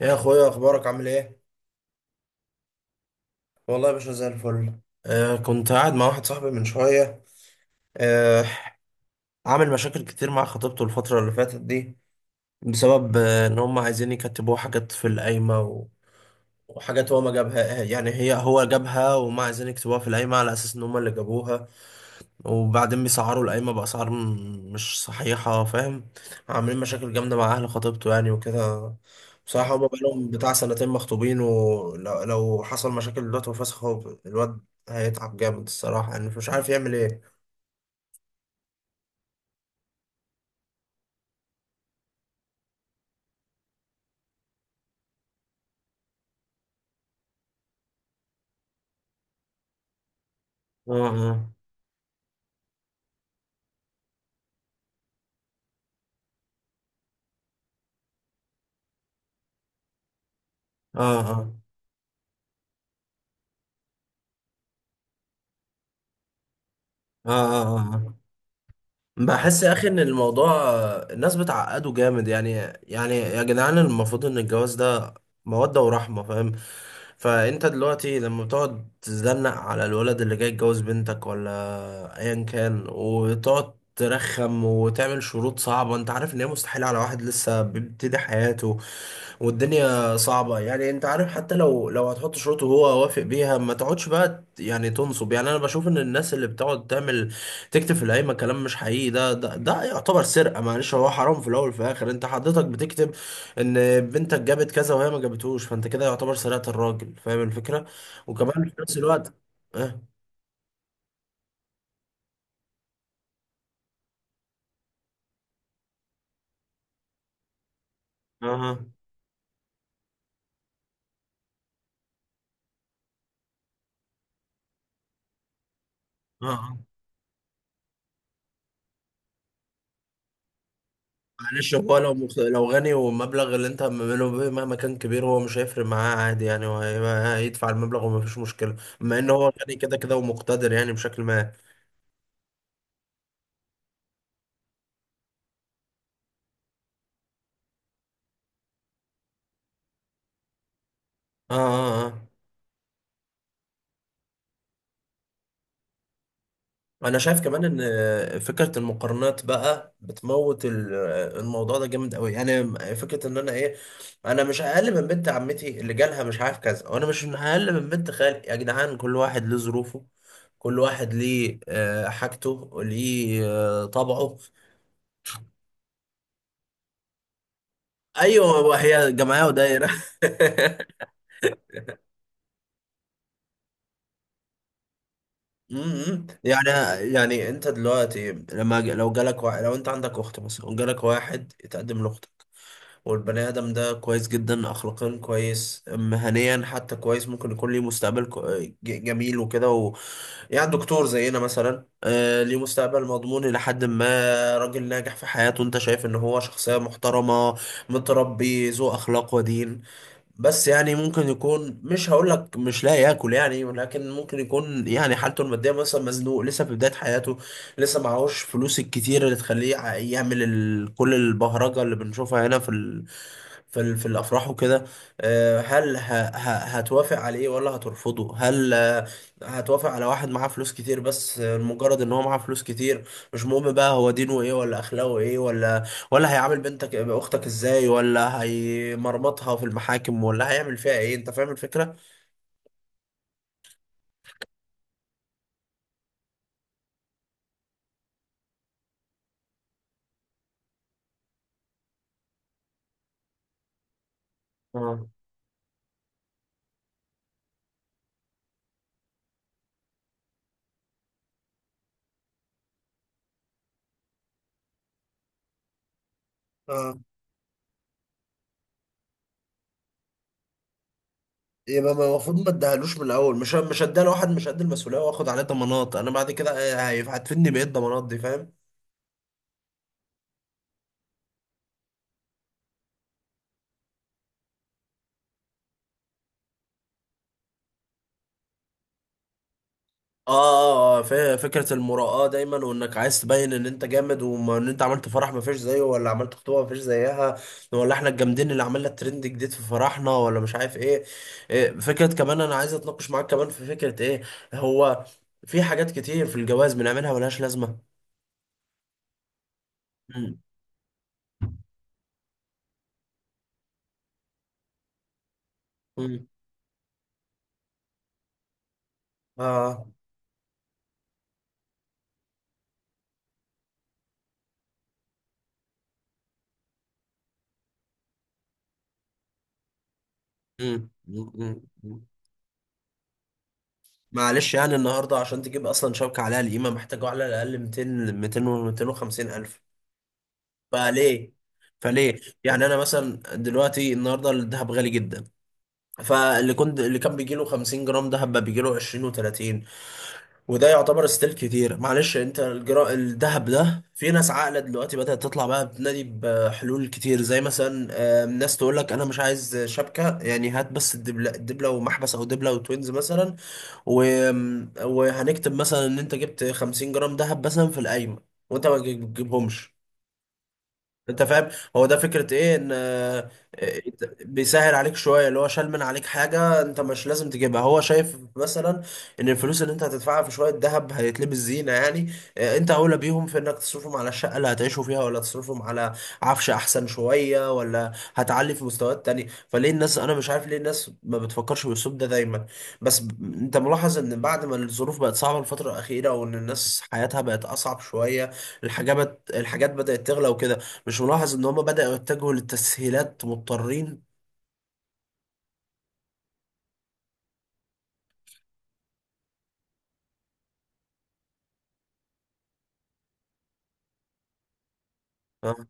يا اخويا، اخبارك عامل ايه؟ والله يا باشا زي الفل. كنت قاعد مع واحد صاحبي من شويه. آه. عامل مشاكل كتير مع خطيبته الفتره اللي فاتت دي بسبب ان هم عايزين يكتبوه حاجات في القايمه وحاجات هو ما جابها، يعني هي هو جابها وما عايزين يكتبوها في القايمه على اساس ان هم اللي جابوها، وبعدين بيسعروا القايمة بأسعار مش صحيحة، فاهم؟ عاملين مشاكل جامدة مع أهل خطيبته يعني وكده. بصراحة هما بقالهم بتاع سنتين مخطوبين، ولو حصل مشاكل دلوقتي وفسخ، هو الواد هيتعب جامد الصراحة، يعني مش عارف يعمل ايه. اه، اه، اه. اه، اه، اه. آه. بحس يا اخي ان الموضوع، الناس بتعقده جامد يعني. يعني يا جدعان، المفروض ان الجواز ده مودة ورحمة، فاهم؟ فانت دلوقتي لما بتقعد تزنق على الولد اللي جاي يتجوز بنتك، ولا ايا كان، وتقعد ترخم وتعمل شروط صعبة انت عارف ان هي مستحيلة على واحد لسه بيبتدي حياته والدنيا صعبة، يعني انت عارف حتى لو هتحط شروط وهو وافق بيها، ما تقعدش بقى يعني تنصب. يعني انا بشوف ان الناس اللي بتقعد تعمل تكتب في القايمة كلام مش حقيقي، ده يعتبر سرقة. معلش، هو حرام في الاول وفي الاخر. انت حضرتك بتكتب ان بنتك جابت كذا وهي ما جابتهوش، فانت كده يعتبر سرقت الراجل، فاهم الفكرة؟ وكمان في نفس الوقت. اه، اه، اه. معلش، هو لو لو غني والمبلغ اللي انت عامله به مهما كان كبير هو مش هيفرق معاه، عادي يعني، هو هيدفع المبلغ ومفيش مشكلة، بما ان هو غني كده كده ومقتدر، يعني بشكل ما. اه، اه، اه. انا شايف كمان ان فكرة المقارنات بقى بتموت الموضوع ده جامد قوي يعني. فكرة ان انا ايه، انا مش اقل من بنت عمتي اللي جالها مش عارف كذا، وانا مش اقل من بنت خالي. يا جدعان، كل واحد له ظروفه، كل واحد ليه حاجته، ليه طبعه. ايوه، وهي جمعيه ودايره. يعني، يعني انت دلوقتي لما لو جالك واحد، لو انت عندك اخت مثلا وجالك واحد يتقدم لاختك، والبني ادم ده كويس جدا اخلاقيا، كويس مهنيا حتى، كويس، ممكن يكون ليه مستقبل جميل وكده و... يعني دكتور زينا مثلا، ليه مستقبل مضمون الى حد ما، راجل ناجح في حياته، انت شايف ان هو شخصيه محترمه، متربي، ذو اخلاق ودين. بس يعني ممكن يكون، مش هقول لك مش لا ياكل يعني، ولكن ممكن يكون يعني حالته الماديه مثلا مزنوق، لسه في بدايه حياته، لسه معهوش فلوس الكتير اللي تخليه يعمل كل البهرجه اللي بنشوفها هنا في في الافراح وكده. آه، هل ه... هتوافق عليه ولا هترفضه؟ هل هتوافق على واحد معاه فلوس كتير بس؟ مجرد ان هو معاه فلوس كتير، مش مهم بقى هو دينه ايه ولا اخلاقه ايه، ولا ولا هيعامل بنتك اختك ازاي، ولا هيمرمطها في المحاكم ولا هيعمل فيها ايه، انت فاهم الفكره؟ اه، اه. يبقى المفروض ما اديهالوش من الاول، مش اديها لواحد مش قد المسؤوليه، واخد عليه ضمانات انا بعد كده، هتفيدني بايه الضمانات دي، فاهم؟ اه، اه. فكرة المراآة دايما، وانك عايز تبين ان انت جامد، وان انت عملت فرح ما فيش زيه، ولا عملت خطوبة ما فيش زيها، ولا احنا الجامدين اللي عملنا الترند جديد في فرحنا، ولا مش عارف ايه. فكرة كمان انا عايز اتناقش معاك كمان في فكرة ايه. هو في حاجات كتير في الجواز بنعملها ملهاش لازمة. مم. مم. اه. مم. مم. مم. مم. معلش يعني النهارده عشان تجيب اصلا شبكة عليها القيمة محتاجة على الاقل 200، و 250 الف. فليه، يعني انا مثلا دلوقتي النهارده الذهب غالي جدا، فاللي كنت اللي كان بيجي له 50 جرام ذهب بقى بيجي له 20 و30، وده يعتبر ستيل كتير. معلش انت الذهب ده في ناس عاقله دلوقتي بدات تطلع بقى بتنادي بحلول كتير، زي مثلا، ناس تقول لك انا مش عايز شبكه، يعني هات بس الدبله، الدبله ومحبس، او دبله وتوينز مثلا و... وهنكتب مثلا ان انت جبت 50 جرام ذهب مثلا في القايمه وانت ما تجيبهمش، انت فاهم. هو ده فكرة ايه ان بيسهل عليك شوية، اللي هو شال من عليك حاجة انت مش لازم تجيبها. هو شايف مثلا ان الفلوس اللي انت هتدفعها في شوية ذهب هيتلبس زينة، يعني انت اولى بيهم في انك تصرفهم على الشقة اللي هتعيشوا فيها، ولا تصرفهم على عفش احسن شوية، ولا هتعلي في مستويات تانية. فليه الناس، انا مش عارف ليه الناس ما بتفكرش بالاسلوب ده دايما؟ بس انت ملاحظ ان بعد ما الظروف بقت صعبة الفترة الأخيرة، وان الناس حياتها بقت اصعب شوية، الحاجات بدأت تغلى وكده، مش ملاحظ ان هما بدأوا يتجهوا للتسهيلات مضطرين؟ اه،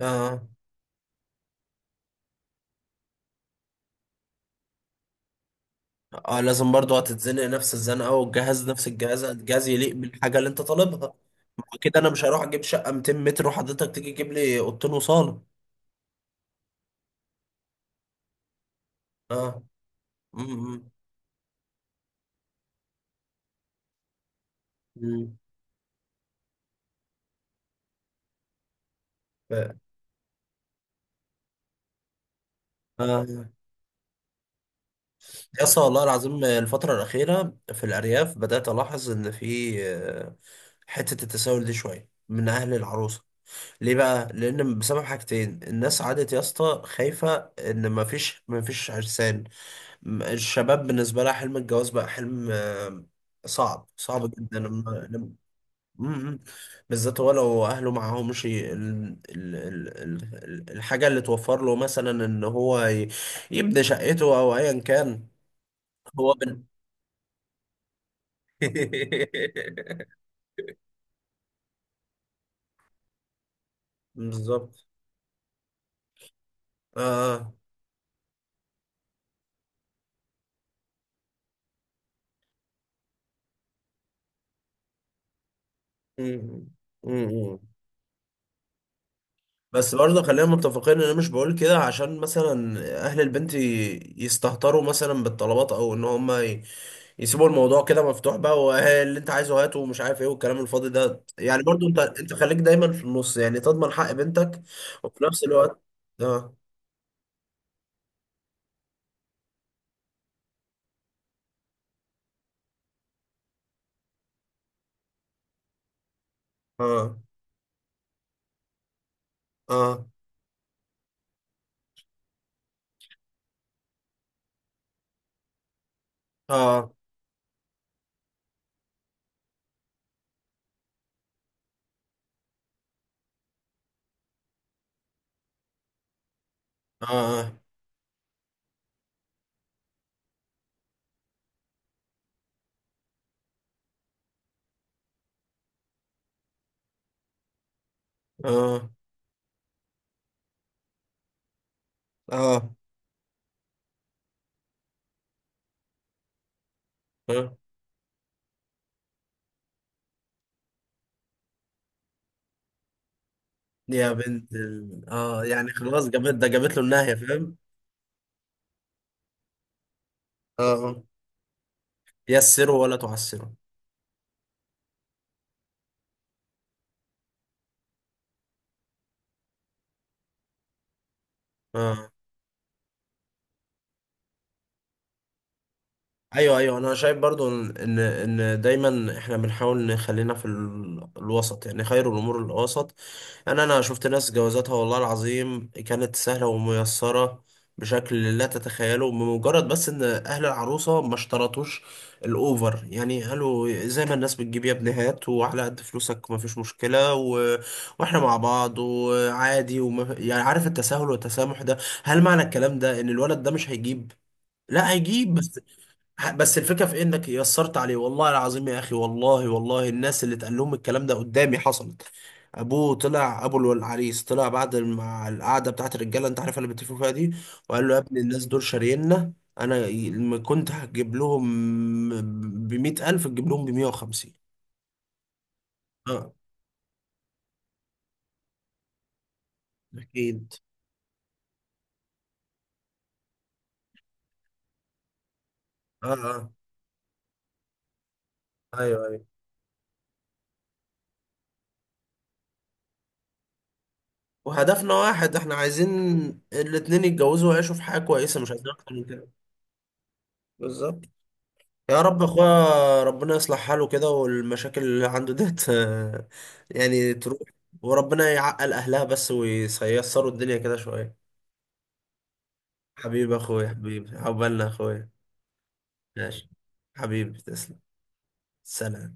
اه، اه. لازم برضه هتتزنق نفس الزنقة، والجهاز نفس الجهاز، الجهاز يليق بالحاجة اللي انت طالبها. ما هو كده انا مش هروح اجيب شقة 200 متر وحضرتك تيجي تجيب لي اوضتين وصالة. اه. امم. امم. اه. يا اسطى والله العظيم، الفترة الأخيرة في الأرياف بدأت ألاحظ إن في حتة التساؤل دي شوية من أهل العروسة. ليه بقى؟ لأن بسبب حاجتين، الناس عادت يا اسطى خايفة إن مفيش عرسان، الشباب بالنسبة لها حلم الجواز بقى حلم، صعب، جدا لما م- م. بالذات هو لو أهله معاهمش الحاجة اللي توفر له، مثلا إن هو يبني شقته أو أيا كان. هو بن... بالظبط. آه. آه. م- م- م. بس برضه خلينا متفقين ان انا مش بقول كده عشان مثلا اهل البنت يستهتروا مثلا بالطلبات، او ان هم يسيبوا الموضوع كده مفتوح بقى، واللي انت عايزه هاته ومش عارف ايه والكلام الفاضي ده. يعني برضه انت خليك دايما في النص يعني، تضمن حق بنتك وفي نفس الوقت. اه، اه، اه، اه، اه، اه، اه، اه. يا بنت اه، يعني خلاص جابت ده جابت له النهاية، فاهم؟ اه. آه. يسره ولا تعسره. اه. ايوه، ايوه، انا شايف برضو ان إن دايما احنا بنحاول نخلينا في الوسط، يعني خير الامور الوسط. انا شفت ناس جوازاتها والله العظيم كانت سهله وميسره بشكل لا تتخيله، بمجرد بس ان اهل العروسه ما اشترطوش الاوفر، يعني قالوا زي ما الناس بتجيب يا ابني هات، وعلى قد فلوسك ما فيش مشكله و... واحنا مع بعض وعادي يعني عارف التساهل والتسامح ده. هل معنى الكلام ده ان الولد ده مش هيجيب؟ لا، هيجيب، بس الفكره في إيه؟ انك يسرت عليه. والله العظيم يا اخي، والله والله الناس اللي اتقال لهم الكلام ده قدامي حصلت. ابوه طلع، ابو العريس طلع بعد مع القعده بتاعت الرجاله انت عارف اللي بيتفقوا فيها دي، وقال له يا ابني الناس دول شاريننا، انا لما كنت هجيب لهم ب 100,000 تجيب لهم ب 150. اه. اكيد. اه، اه. ايوه، ايوه، وهدفنا واحد، احنا عايزين الاتنين يتجوزوا ويعيشوا في حياه كويسه، مش عايزين اكتر من كده. بالظبط. يا رب اخويا ربنا يصلح حاله كده، والمشاكل اللي عنده ديت يعني تروح، وربنا يعقل اهلها بس وييسروا الدنيا كده شوية. حبيبي اخويا، حبيبي، عقبالنا اخويا. ماشي. حبيبي تسلم. سلام.